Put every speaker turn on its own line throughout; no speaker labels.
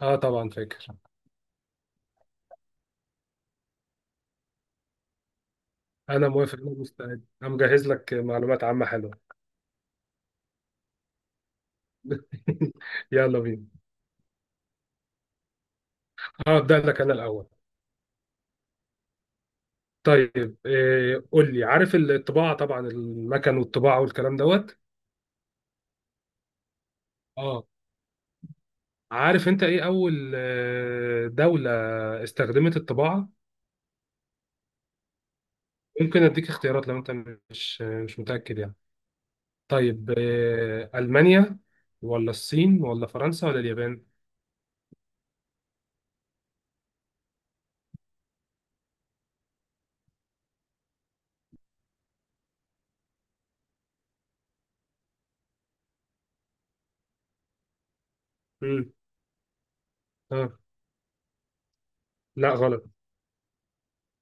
اه، طبعا فاكر. انا موافق، انا مستعد، انا مجهز لك معلومات عامة حلوة. يلا بينا. هبدأ لك انا الاول. طيب إيه، قول لي عارف الطباعة طبعا، المكن والطباعة والكلام دوت. اه، عارف انت ايه اول دولة استخدمت الطباعة؟ ممكن اديك اختيارات لو انت مش متأكد يعني. طيب، ألمانيا ولا الصين ولا فرنسا ولا اليابان؟ امم. اه، لا غلط.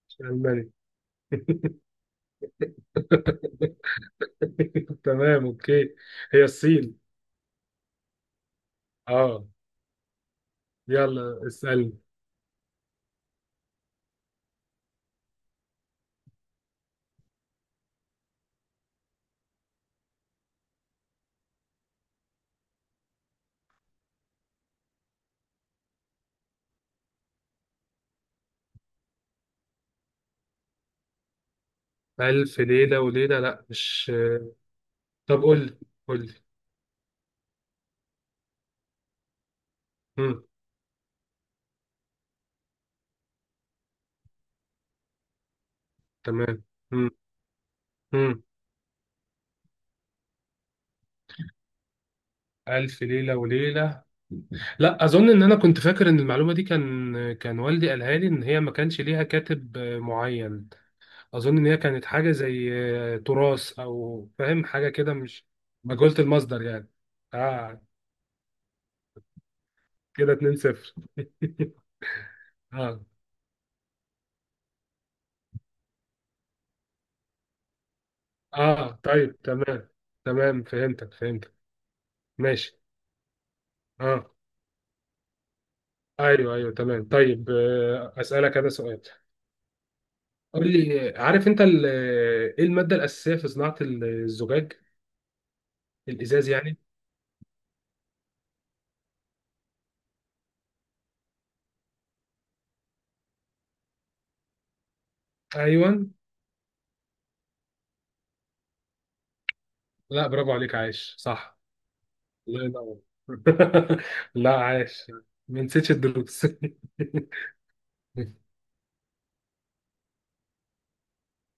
مش ألمانيا. تمام اوكي. هي الصين. اه. يلا اسأل. ألف ليلة وليلة؟ لا، مش. طب قول لي، قول لي. مم. تمام. مم. مم. ألف ليلة وليلة. لا، أظن إن أنا كنت فاكر إن المعلومة دي كان والدي قالها لي إن هي ما كانش ليها كاتب معين. أظن إن هي كانت حاجة زي تراث، أو فاهم حاجة كده، مش مجهولة المصدر يعني. آه، كده 2 0. آه. آه، طيب تمام. تمام، فهمتك فهمتك. ماشي. آه. ايوه ايوه، تمام. طيب اسالك انا سؤال. قول لي عارف انت ايه الماده الاساسيه في صناعه الزجاج؟ الازاز يعني. ايوه. لا برافو عليك، عايش صح. الله ينور. لا، عايش. ما نسيتش الدروس.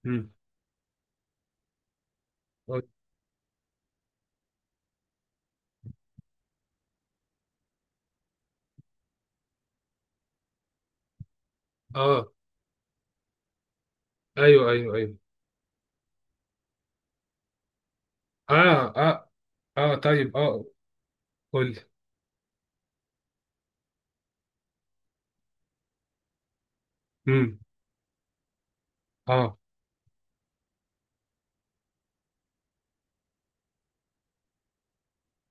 مم. اه، ايوه ايوه ايوه. اه اه اه، طيب اه. قول لي. مم. اه.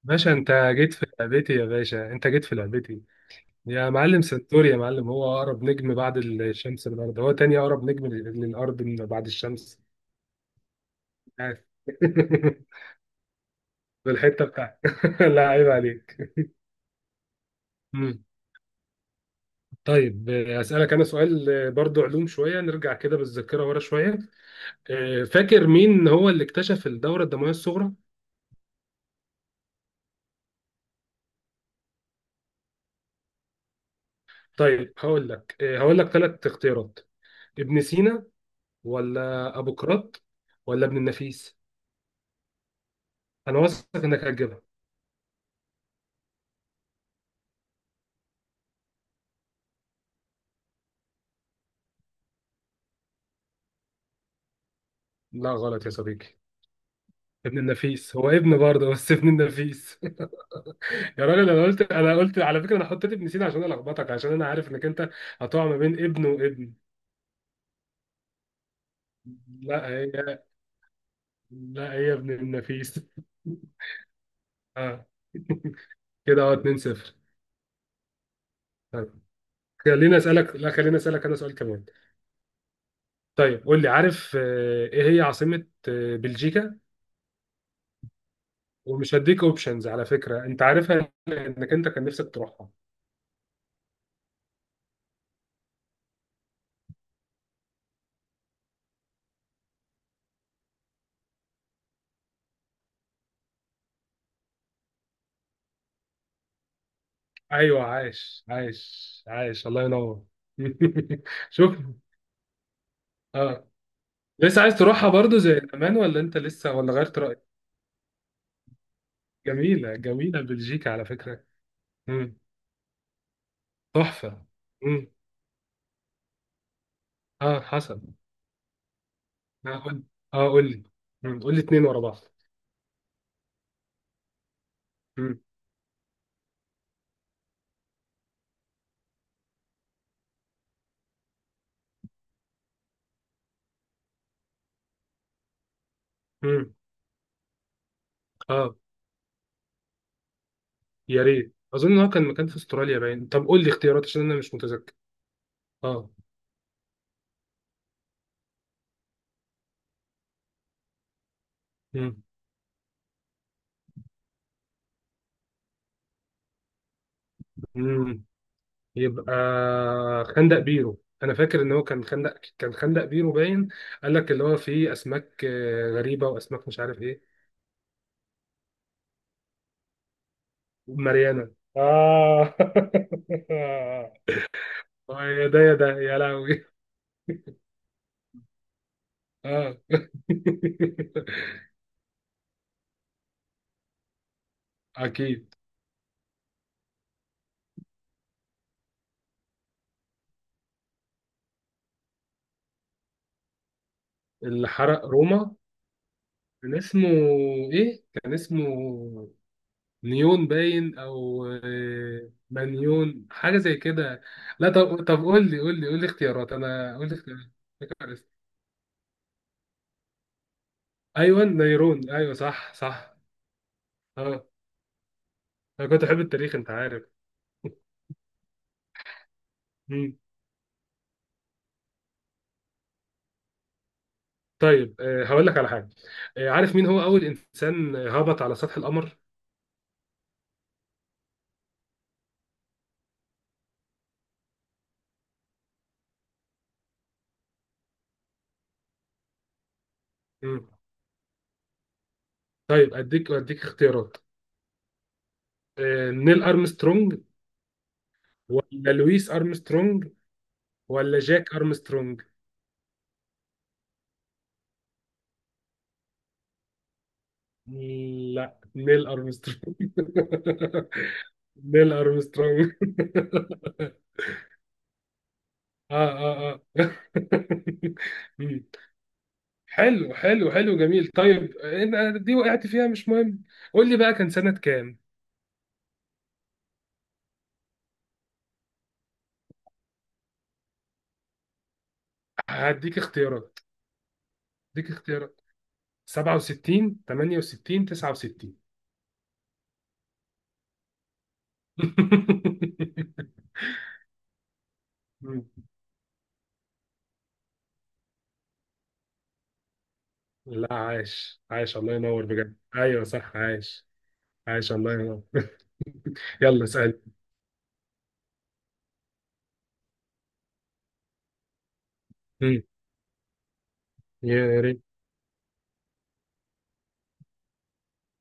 باشا انت جيت في لعبتي، يا باشا انت جيت في لعبتي. يا معلم سنتوري، يا معلم هو اقرب نجم بعد الشمس للارض، هو تاني اقرب نجم للارض من بعد الشمس. عارف. بالحته بتاعتك. لا، عيب عليك. مم. طيب اسالك انا سؤال برضو علوم شويه، نرجع كده بالذاكره ورا شويه. فاكر مين هو اللي اكتشف الدوره الدمويه الصغرى؟ طيب هقول لك ثلاث اختيارات. ابن سينا، ولا ابوقراط، ولا ابن النفيس. انا واثق انك هتجيبها. لا غلط يا صديقي. ابن النفيس، هو ابن برضه، بس ابن النفيس. يا راجل، انا قلت على فكره انا حطيت ابن سينا عشان الخبطك، عشان انا عارف انك انت هتقع ما بين ابن وابن. لا هي لا هي ابن النفيس. اه، كده اهو 2 0. طيب خليني اسالك، لا خليني اسالك انا سؤال كمان. طيب قول لي عارف ايه هي عاصمه بلجيكا؟ ومش هديك اوبشنز على فكره، انت عارفها، انك انت كان نفسك تروحها. ايوه، عايش عايش عايش، الله ينور. شوف. اه. لسه عايز تروحها برضو زي زمان، ولا انت لسه، ولا غيرت رأيك؟ جميلة جميلة بلجيكا على فكرة. مم. تحفة. مم. اه، حصل. اه قول. اه، قول لي. مم. قول لي اتنين ورا بعض. مم. مم. اه. يا ريت. اظن ان هو كان مكان في استراليا باين. طب قول لي اختيارات عشان انا مش متذكر. اه. مم. مم. يبقى، خندق بيرو، انا فاكر ان هو كان خندق بيرو باين. قال لك اللي هو فيه اسماك غريبة، واسماك مش عارف ايه. مريانة. آه. يا ده يا ده يا لهوي. آه. أكيد. اللي حرق روما كان اسمه إيه؟ كان اسمه نيون باين، أو مانيون، حاجة زي كده. لا، طب قول لي قول لي قول لي اختيارات، أنا قول لي اختيارات. فاكر اسمه. أيوه، نيرون، أيوه، صح صح. آه. أنا كنت أحب التاريخ، أنت عارف. طيب هقول لك على حاجه. عارف مين هو اول انسان هبط على سطح القمر؟ مم. طيب اديك اختيارات. نيل ارمسترونج، ولا لويس ارمسترونج، ولا جاك ارمسترونج. لا، نيل ارمسترونج. نيل ارمسترونج. اه اه اه. مم. حلو حلو حلو، جميل. طيب دي وقعت فيها، مش مهم. قول لي بقى كان سنه كام؟ هديك اختيارات هديك اختيارات. 67، 68، 69. لا، عايش عايش، الله ينور بجد، ايوه صح، عايش. عايش، الله ينور. يلا اسال. مم. يا ريت.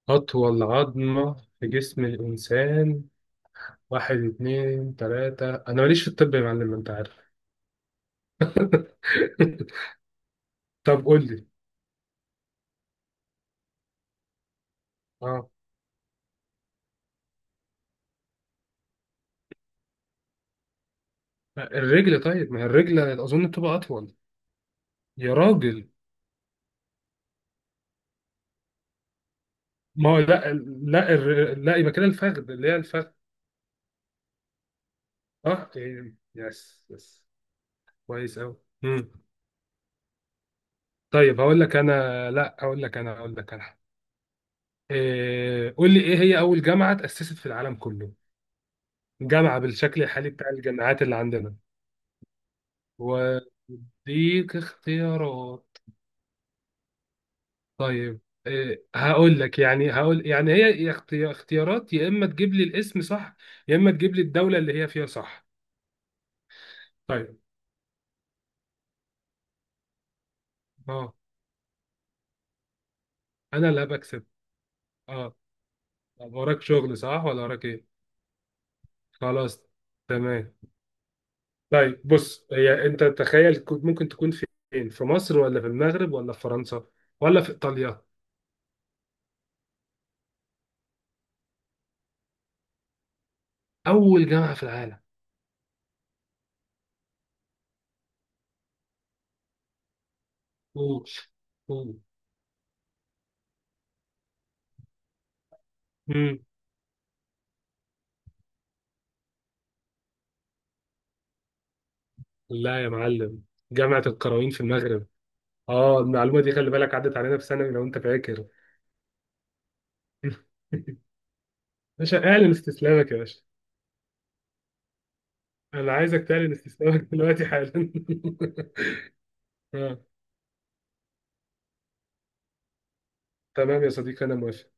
اطول عظمه في جسم الانسان. واحد، اتنين، تلاته، انا ماليش في الطب يا معلم، انت عارف. طب قول لي. اه. الرجل. طيب، ما هي الرجل اظن بتبقى اطول. يا راجل. ما هو لا. لا يبقى كده الفخذ، اللي هي الفخذ. اه، إيه. يس يس. كويس أوي. مم. طيب هقول لك أنا لا هقول لك أنا. إيه. قول لي إيه هي أول جامعة تأسست في العالم كله؟ جامعة بالشكل الحالي بتاع الجامعات اللي عندنا. وأديك اختيارات. طيب إيه. هقول لك يعني، هقول يعني هي، يا اختيارات، يا إما تجيب لي الاسم صح، يا إما تجيب لي الدولة اللي هي فيها صح. طيب، أه. أنا اللي هبكسب. أه. طب وراك شغل صح، ولا وراك إيه؟ خلاص. تمام. طيب بص، هي انت تخيل كنت ممكن تكون فين، في مصر، ولا في المغرب، ولا في فرنسا، ولا في ايطاليا؟ اول جامعه في العالم. اوف. اوف. امم. لا يا معلم، جامعه القرويين في المغرب. اه، المعلومه دي خلي بالك عدت علينا في ثانوي لو انت فاكر. باشا اعلن استسلامك يا باشا. انا عايزك تعلن استسلامك دلوقتي حالا. آه. تمام يا صديقي، انا موافق.